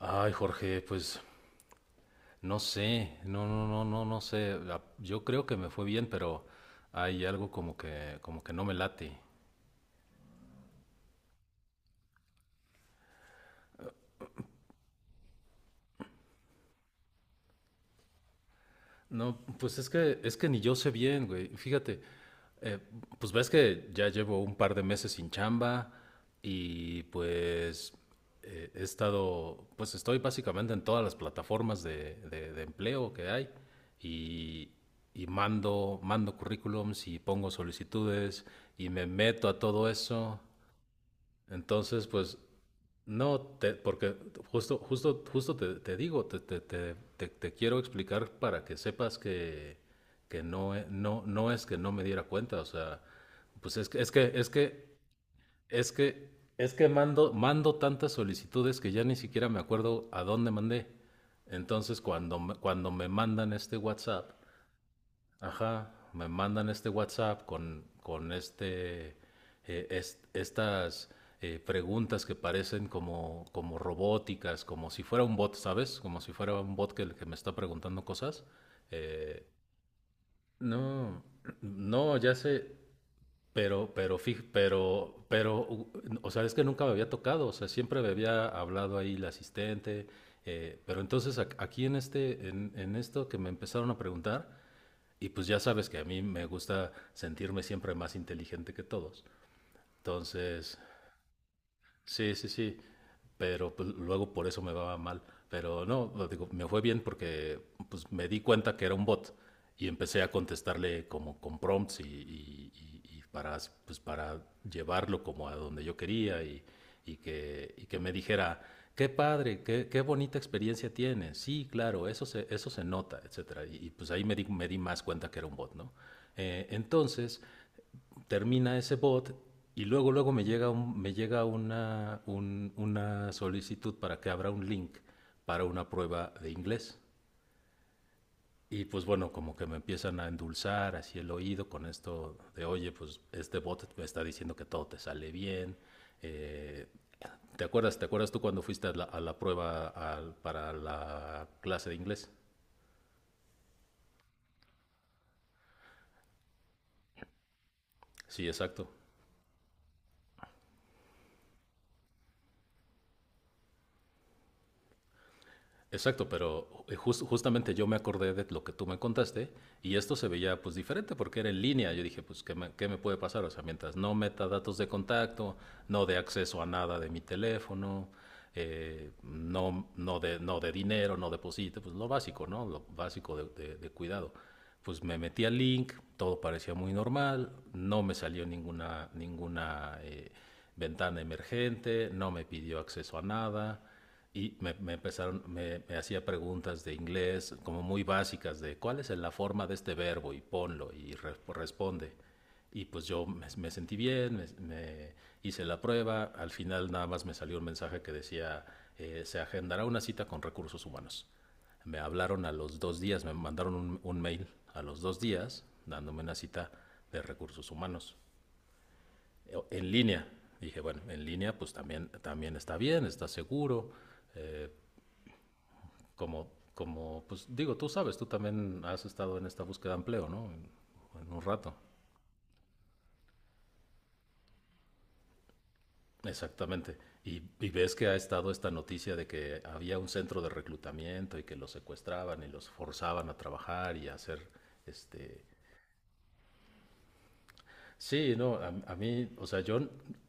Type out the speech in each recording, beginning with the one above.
Ay, Jorge, pues no sé, no, no, no, no, no sé. Yo creo que me fue bien, pero hay algo como que no me late. No, pues es que ni yo sé bien, güey. Fíjate, eh, pues ves que ya llevo un par de meses sin chamba y pues estoy básicamente en todas las plataformas de, de empleo que hay y, y mando currículums y pongo solicitudes y me meto a todo eso. Entonces, pues no, porque justo te, te digo, te- te quiero explicar para que sepas que no es que no me diera cuenta, o sea, pues es que, es que mando tantas solicitudes que ya ni siquiera me acuerdo a dónde mandé. Entonces, cuando me mandan este WhatsApp. Ajá. Me mandan este WhatsApp con estas preguntas que parecen como, como robóticas, como si fuera un bot, ¿sabes? Como si fuera un bot que me está preguntando cosas. Eh, no, no, ya sé, pero, o sea, es que nunca me había tocado, o sea, siempre me había hablado ahí la asistente, pero entonces aquí en esto que me empezaron a preguntar, y pues ya sabes que a mí me gusta sentirme siempre más inteligente que todos. Entonces, sí, sí, sí. Pero pues, luego por eso me va mal. Pero no, lo digo, me fue bien porque pues, me di cuenta que era un bot y empecé a contestarle como con prompts y para llevarlo como a donde yo quería y que me dijera, qué padre, qué bonita experiencia tienes. Sí, claro, eso se nota, etcétera. Y pues ahí me di más cuenta que era un bot, ¿no? Entonces, termina ese bot y luego me llega una solicitud para que abra un link para una prueba de inglés. Y pues bueno, como que me empiezan a endulzar así el oído con esto de, oye, pues este bot me está diciendo que todo te sale bien. Eh, ¿te acuerdas tú cuando fuiste a la prueba para la clase de inglés? Sí, exacto. Exacto, pero justamente yo me acordé de lo que tú me contaste y esto se veía pues diferente porque era en línea. Yo dije, pues, ¿Qué me puede pasar? O sea, mientras no meta datos de contacto, no de acceso a nada de mi teléfono, no de dinero, no deposite, pues lo básico, ¿no? Lo básico de, de cuidado. Pues me metí al link, todo parecía muy normal, no me salió ninguna ventana emergente, no me pidió acceso a nada y me hacía preguntas de inglés como muy básicas de cuál es la forma de este verbo y ponlo y responde. Y pues yo me sentí bien, me hice la prueba, al final nada más me salió un mensaje que decía, se agendará una cita con recursos humanos. Me hablaron a los 2 días, me mandaron un mail a los 2 días dándome una cita de recursos humanos en línea. Dije, bueno, en línea pues también, también está bien, está seguro, eh, pues digo, tú sabes, tú también has estado en esta búsqueda de empleo, ¿no? En un rato. Exactamente. Y ves que ha estado esta noticia de que había un centro de reclutamiento y que los secuestraban y los forzaban a trabajar y a hacer este, sí, no, a mí, o sea, yo,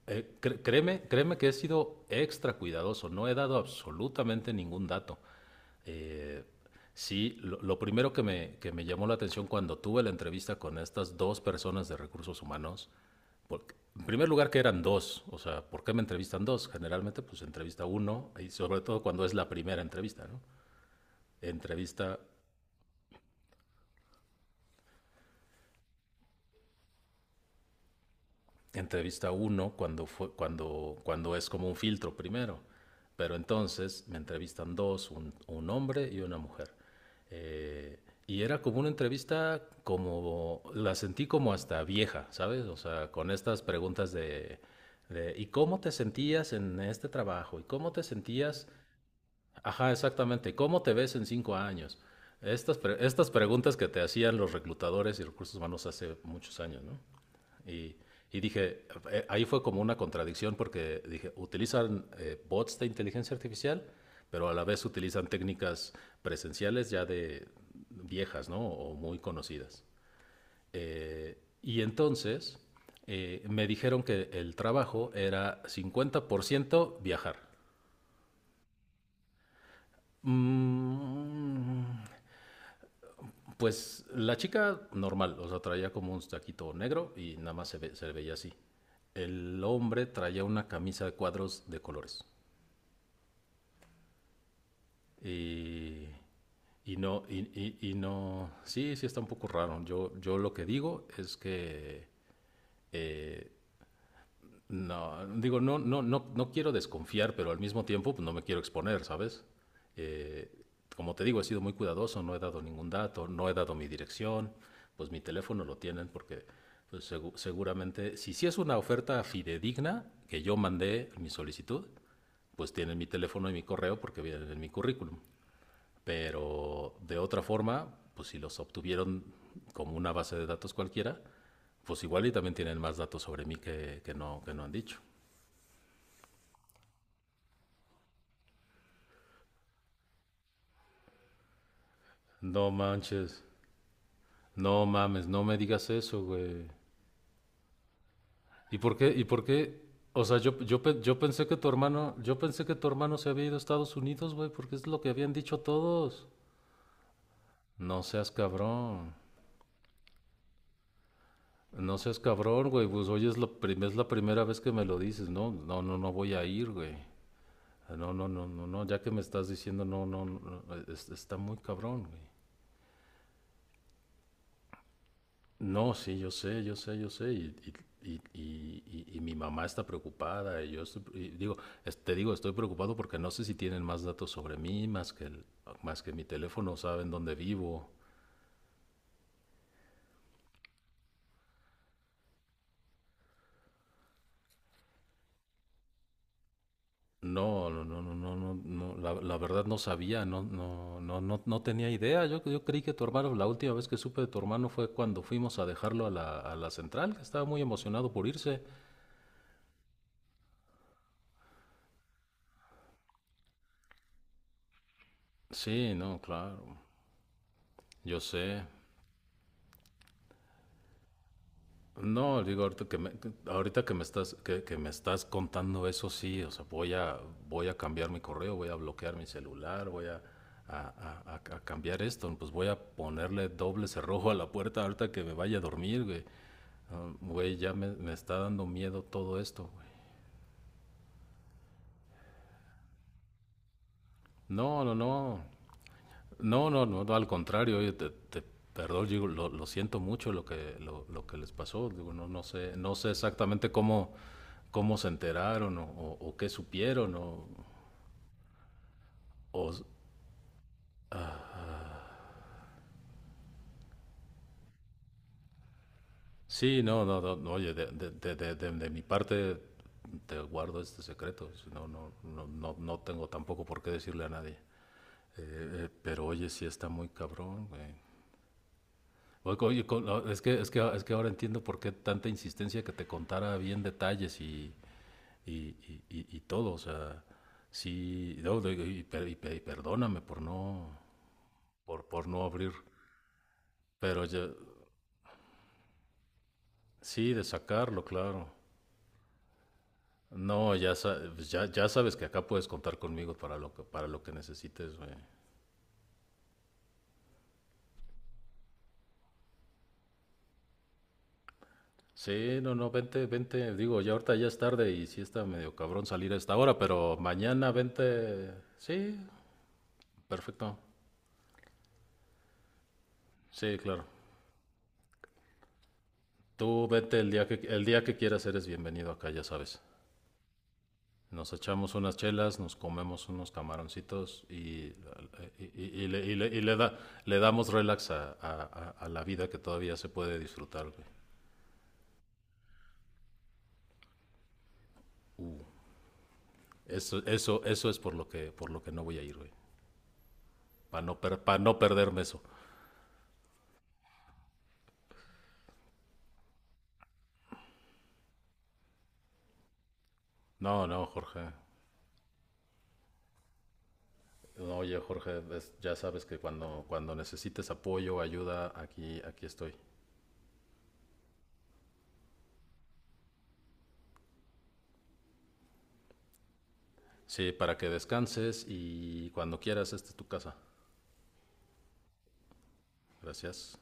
eh, cr- créeme, créeme que he sido extra cuidadoso, no he dado absolutamente ningún dato. Eh, sí, lo primero que me llamó la atención cuando tuve la entrevista con estas dos personas de recursos humanos, porque, en primer lugar que eran dos, o sea, ¿por qué me entrevistan dos? Generalmente pues entrevista uno, y sobre todo cuando es la primera entrevista, ¿no? Entrevista entrevista uno cuando es como un filtro primero, pero entonces me entrevistan dos, un hombre y una mujer. Eh, y era como una entrevista la sentí como hasta vieja, ¿sabes? O sea, con estas preguntas de, ¿y cómo te sentías en este trabajo? ¿Y cómo te sentías? Ajá, exactamente. ¿Cómo te ves en 5 años? Estas preguntas que te hacían los reclutadores y recursos humanos hace muchos años, ¿no? Y, y dije, ahí fue como una contradicción porque dije, utilizan bots de inteligencia artificial, pero a la vez utilizan técnicas presenciales ya de viejas, ¿no? O muy conocidas. Y entonces me dijeron que el trabajo era 50% viajar. Mm, Pues la chica normal, o sea, traía como un taquito negro y nada más se le veía así. El hombre traía una camisa de cuadros de colores. Y, y no, sí, sí está un poco raro. Yo lo que digo es que, eh, no, digo, no, no, no, no quiero desconfiar, pero al mismo tiempo pues, no me quiero exponer, ¿sabes? Eh, como te digo, he sido muy cuidadoso, no he dado ningún dato, no he dado mi dirección, pues mi teléfono lo tienen porque pues, seguramente, si sí es una oferta fidedigna que yo mandé mi solicitud, pues tienen mi teléfono y mi correo porque vienen en mi currículum. Pero de otra forma, pues si los obtuvieron como una base de datos cualquiera, pues igual y también tienen más datos sobre mí que, que no han dicho. No manches, no mames, no me digas eso, güey. ¿Y por qué? ¿Y por qué? O sea, yo pensé que tu hermano se había ido a Estados Unidos, güey, porque es lo que habían dicho todos. No seas cabrón. No seas cabrón, güey. Pues hoy es la primera vez que me lo dices. No, no, no, no voy a ir, güey. No, no, no, no, no, ya que me estás diciendo, no, no, no, está muy cabrón, güey. No, sí, yo sé, y, y mi mamá está preocupada, y digo, te digo, estoy preocupado porque no sé si tienen más datos sobre mí, más que mi teléfono, saben dónde vivo. No, no, no, no, no, no, no, la verdad no sabía, no, no, no, no, no tenía idea. Yo creí que tu hermano, la última vez que supe de tu hermano fue cuando fuimos a dejarlo a la central, que estaba muy emocionado por irse. Sí, no, claro, yo sé. No, digo, ahorita que me estás, contando eso, sí, o sea, voy a cambiar mi correo, voy a bloquear mi celular, voy a cambiar esto, pues voy a ponerle doble cerrojo a la puerta ahorita que me vaya a dormir, güey. Ah, güey, ya me está dando miedo todo esto, güey. No, no, no. No, no, no, no, al contrario, oye, perdón, digo, lo siento mucho lo que les pasó. Digo, no, no sé exactamente cómo se enteraron o qué supieron o- sí, no, no, no, no, oye, de mi parte te guardo este secreto. Si No, no, no, no, no tengo tampoco por qué decirle a nadie. Pero oye, sí está muy cabrón, güey. Oye, es que ahora entiendo por qué tanta insistencia que te contara bien detalles y, y todo. O sea, sí, no, y perdóname por no abrir. Pero ya, sí, de sacarlo, claro. No, ya, ya sabes que acá puedes contar conmigo para lo que necesites, güey. Sí, no, no, vente, vente. Digo, ya ahorita ya es tarde y sí está medio cabrón salir a esta hora, pero mañana vente. Sí, perfecto. Sí, claro. Tú vete el día que quieras, eres bienvenido acá, ya sabes. Nos echamos unas chelas, nos comemos unos camaroncitos y le, y le- y le da, le damos relax a la vida que todavía se puede disfrutar, güey. Eso es por lo que no voy a ir, güey. Para no, per- pa no perderme eso. No, no, Jorge. No, oye, Jorge, ya sabes que cuando necesites apoyo, ayuda, aquí estoy. Sí, para que descanses y cuando quieras, esta es tu casa. Gracias.